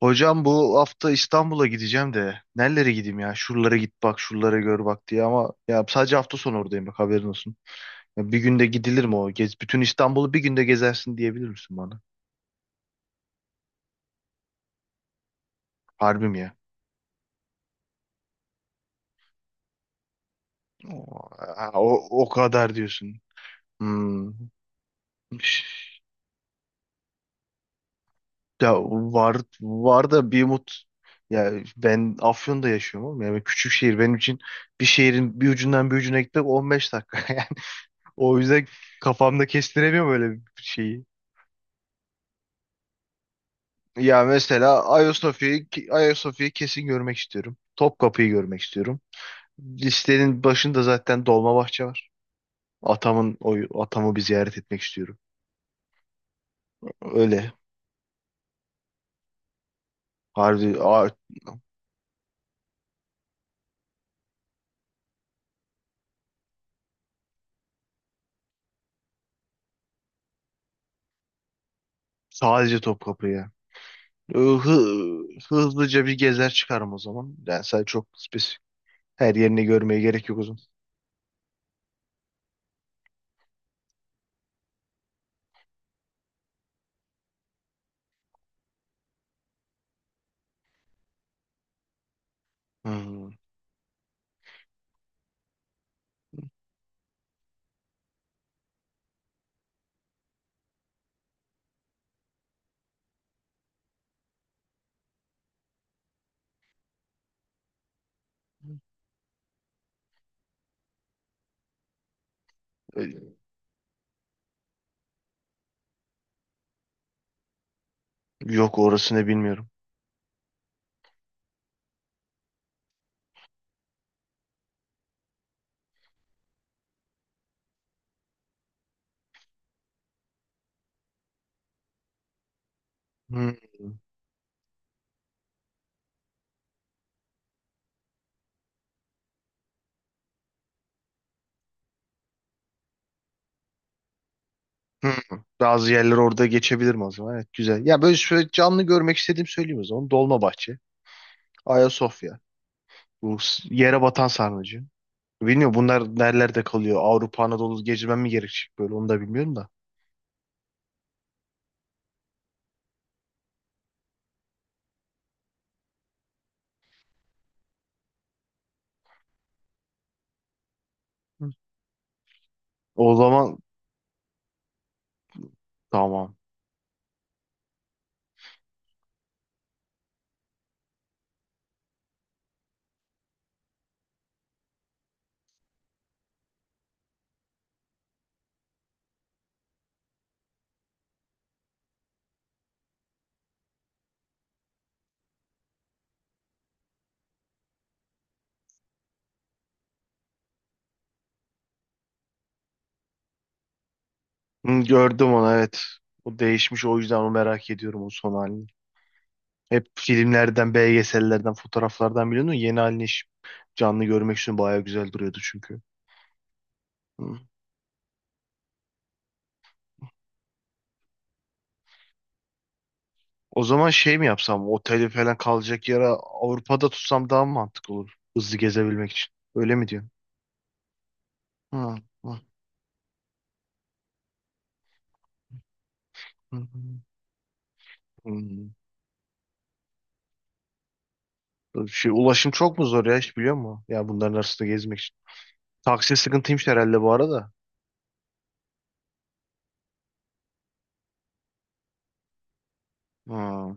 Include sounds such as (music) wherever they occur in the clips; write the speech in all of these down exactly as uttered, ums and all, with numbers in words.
Hocam bu hafta İstanbul'a gideceğim de nerelere gideyim ya? Şuralara git bak, şuralara gör bak diye, ama ya sadece hafta sonu oradayım, bak haberin olsun. Ya bir günde gidilir mi o? Gez, bütün İstanbul'u bir günde gezersin diyebilir misin bana? Harbi mi ya? O, ha, o, o kadar diyorsun. Hmm. Şş. Ya var var da bir umut. Ya ben Afyon'da yaşıyorum oğlum. Yani küçük şehir benim için, bir şehrin bir ucundan bir ucuna gitmek on beş dakika (laughs) yani. O yüzden kafamda kestiremiyorum böyle bir şeyi. Ya mesela Ayasofya'yı Ayasofya'yı kesin görmek istiyorum. Topkapı'yı görmek istiyorum. Listenin başında zaten Dolmabahçe var. Atamın o atamı bir ziyaret etmek istiyorum. Öyle. Harbi a- Sadece Topkapı'ya. Hı- hızlıca bir gezer çıkarım o zaman. Yani sadece çok spesifik. Her yerini görmeye gerek yok o zaman. Hmm. Yok, orasını bilmiyorum. Hmm. Hmm. Bazı yerler orada geçebilirim o zaman. Evet, güzel. Ya böyle şöyle canlı görmek istediğim söyleyeyim o zaman. Dolmabahçe. Ayasofya. Bu s- yere batan sarnıcı. Bilmiyorum bunlar nerelerde kalıyor. Avrupa, Anadolu gezmem mi gerekecek, böyle onu da bilmiyorum da. Hı. O zaman tamam. Hı, gördüm onu, evet. O değişmiş, o yüzden onu merak ediyorum, o son halini. Hep filmlerden, belgesellerden, fotoğraflardan biliyordum. Yeni halini hiç canlı görmek için bayağı güzel duruyordu çünkü. Hı. O zaman şey mi yapsam? Oteli falan, kalacak yere Avrupa'da tutsam daha mı mantıklı olur? Hızlı gezebilmek için. Öyle mi diyorsun? Hı, hı, hı, hı. Hı. Şey, ulaşım çok mu zor ya, hiç biliyor musun? Ya bunların arasında gezmek için. Taksi sıkıntıymış herhalde bu arada. Ha.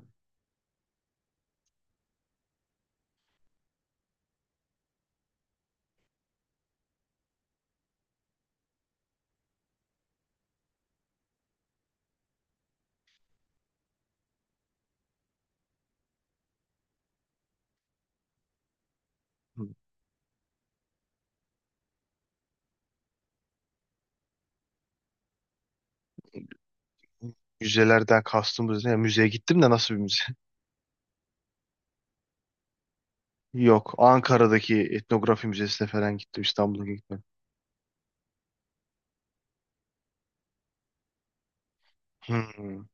Müzelerden kastımız ne? Ya müzeye gittim de, nasıl bir müze? (laughs) Yok. Ankara'daki etnografi müzesine falan gittim. İstanbul'a gittim. Hmm.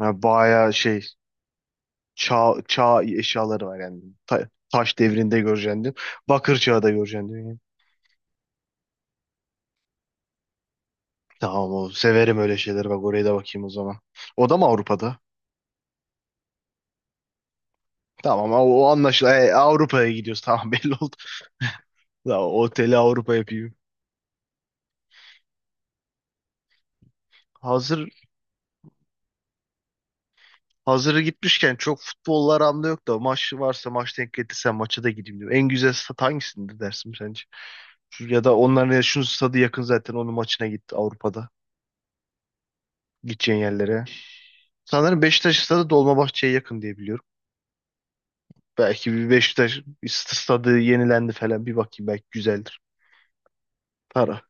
Ya bayağı şey, çağ, çağ eşyaları var yani. Ta- taş devrinde görecektim. Bakır çağı da görecektim. Yani. Tamam, o severim öyle şeyleri. Bak oraya da bakayım o zaman. O da mı Avrupa'da? Tamam, o, o anlaşılıyor. E, Avrupa'ya gidiyoruz. Tamam, (laughs) belli oldu. Ya oteli Avrupa yapayım. Hazır hazırı gitmişken, çok futbollar anlamda yok da, maç varsa, maç denk getirse maça da gideyim diyorum. En güzel stat hangisindir dersin sence? Şu- Ya da onların, ya şunun stadı yakın zaten, onun maçına git Avrupa'da. Gideceğin yerlere. Sanırım Beşiktaş stadı Dolmabahçe'ye yakın diye biliyorum. Belki bir Beşiktaş, bir st- stadı yenilendi falan, bir bakayım belki güzeldir. Para.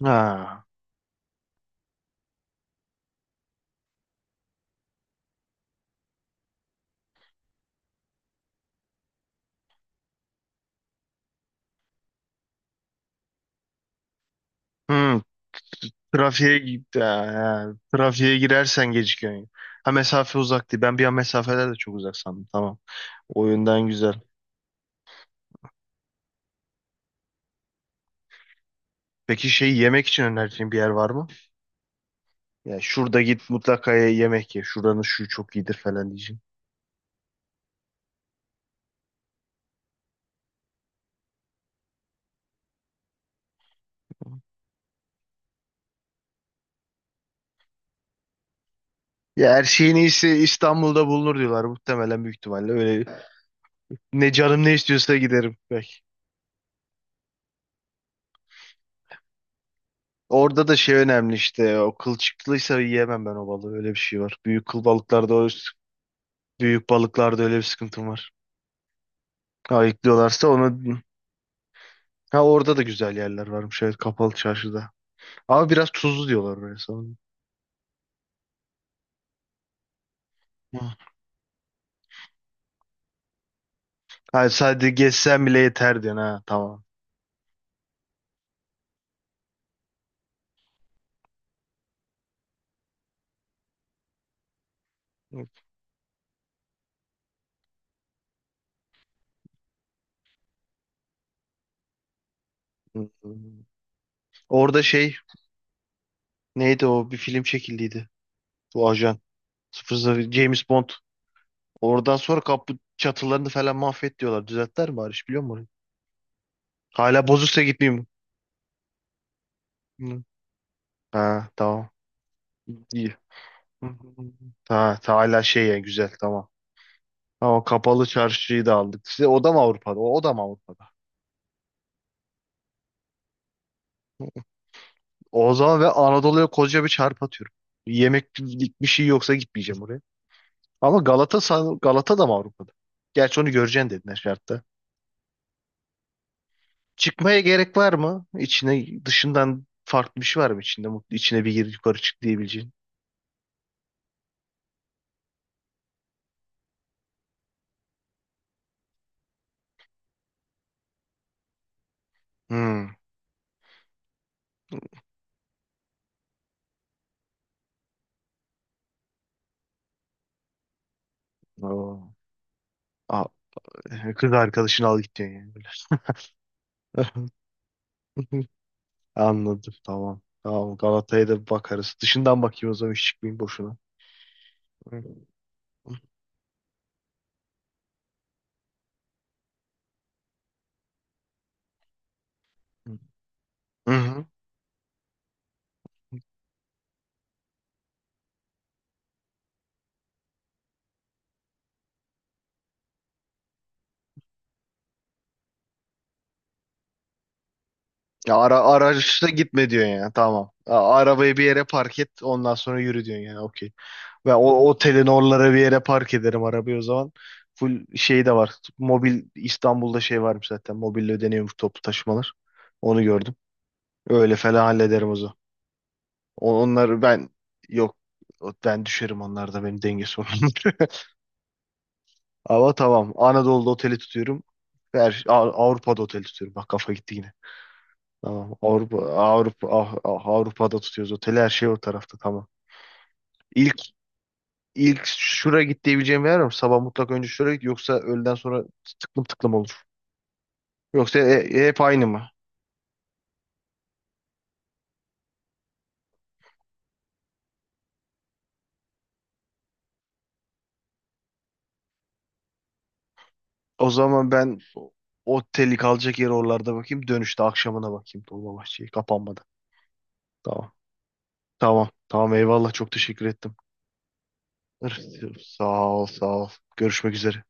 Ha. Hmm. Trafiğe, gi- ha, trafiğe girersen gecikiyorsun. Ha, mesafe uzak değil. Ben bir an mesafeler de çok uzak sandım. Tamam. O yönden güzel. Peki şey, yemek için önerdiğin bir yer var mı? Ya şurada git mutlaka ye- yemek ye. Şuranın şu çok iyidir falan diyeceğim. Ya her şeyin iyisi İstanbul'da bulunur diyorlar. Muhtemelen, büyük ihtimalle öyle. Ne canım ne istiyorsa giderim. Belki. Orada da şey önemli işte. O kılçıklıysa yiyemem ben o balığı. Öyle bir şey var. Büyük kıl balıklarda, o büyük balıklarda öyle bir sıkıntım var. Ayıklıyorlarsa onu, ha, orada da güzel yerler varmış evet, kapalı çarşıda. Ama biraz tuzlu diyorlar böyle sanırım. Hı. Hayır, sadece gezsen bile yeter diyorsun, ha, tamam. Hı. Orada şey neydi, o bir film çekildiydi. Bu ajan sıfır sıfır James Bond. Oradan sonra kapı çatılarını falan mahvet diyorlar. Düzeltler mi bari, biliyor musun? Hala bozuksa gitmeyeyim. Hı. Ha, tamam. İyi. Hı, hı, hı. Ha, ta- hala şey yani, güzel, tamam. Ama kapalı çarşıyı da aldık. Size o da mı Avrupa'da? O, o da mı Avrupa'da? O zaman ve Anadolu'ya koca bir çarp atıyorum. Yemeklik bir şey yoksa gitmeyeceğim oraya. Ama Galata, san- Galata da mı Avrupa'da? Gerçi onu göreceksin dedin her şartta. Çıkmaya gerek var mı? İçine, dışından farklı bir şey var mı içinde? Mutlu içine bir gir yukarı çık diyebileceğin. Hmm. Oo. Aa, kız arkadaşını al git diyorsun yani, böyle. (laughs) Hı, anladım, tamam. Tamam, Galata'ya da bir bakarız. Dışından bakayım o zaman, hiç çıkmayayım boşuna. Hı, hı, hı, hı. Ya ara araçla gitme diyorsun ya, tamam. A- Arabayı bir yere park et, ondan sonra yürü diyorsun yani, okey. Ve o otelin oralara bir yere park ederim arabayı o zaman. Full şey de var. Mobil, İstanbul'da şey varmış zaten. Mobille ödeniyormuş toplu taşımalar. Onu gördüm. Öyle falan hallederim o zaman. O- Onları ben, yok, o- ben düşerim onlarda, benim denge sorunum. (laughs) Ama tamam. Anadolu'da oteli tutuyorum. Her, şey, A- Avrupa'da oteli tutuyorum. Bak kafa gitti yine. Tamam. Avrupa Avrupa Ah- Ah- Avrupa'da tutuyoruz oteli. Her şey o tarafta, tamam. İlk ilk şura git diyebileceğim bir yer var mı? Sabah mutlak önce şura git, yoksa öğleden sonra tıklım tıklım olur. Yoksa e- e- hep aynı mı? O zaman ben o- oteli, kalacak yeri oralarda bakayım. Dönüşte akşamına bakayım Dolmabahçe'yi kapanmadan. Tamam. Tamam. Tamam, eyvallah, çok teşekkür ettim. Sağ ol, sağ ol. Görüşmek üzere.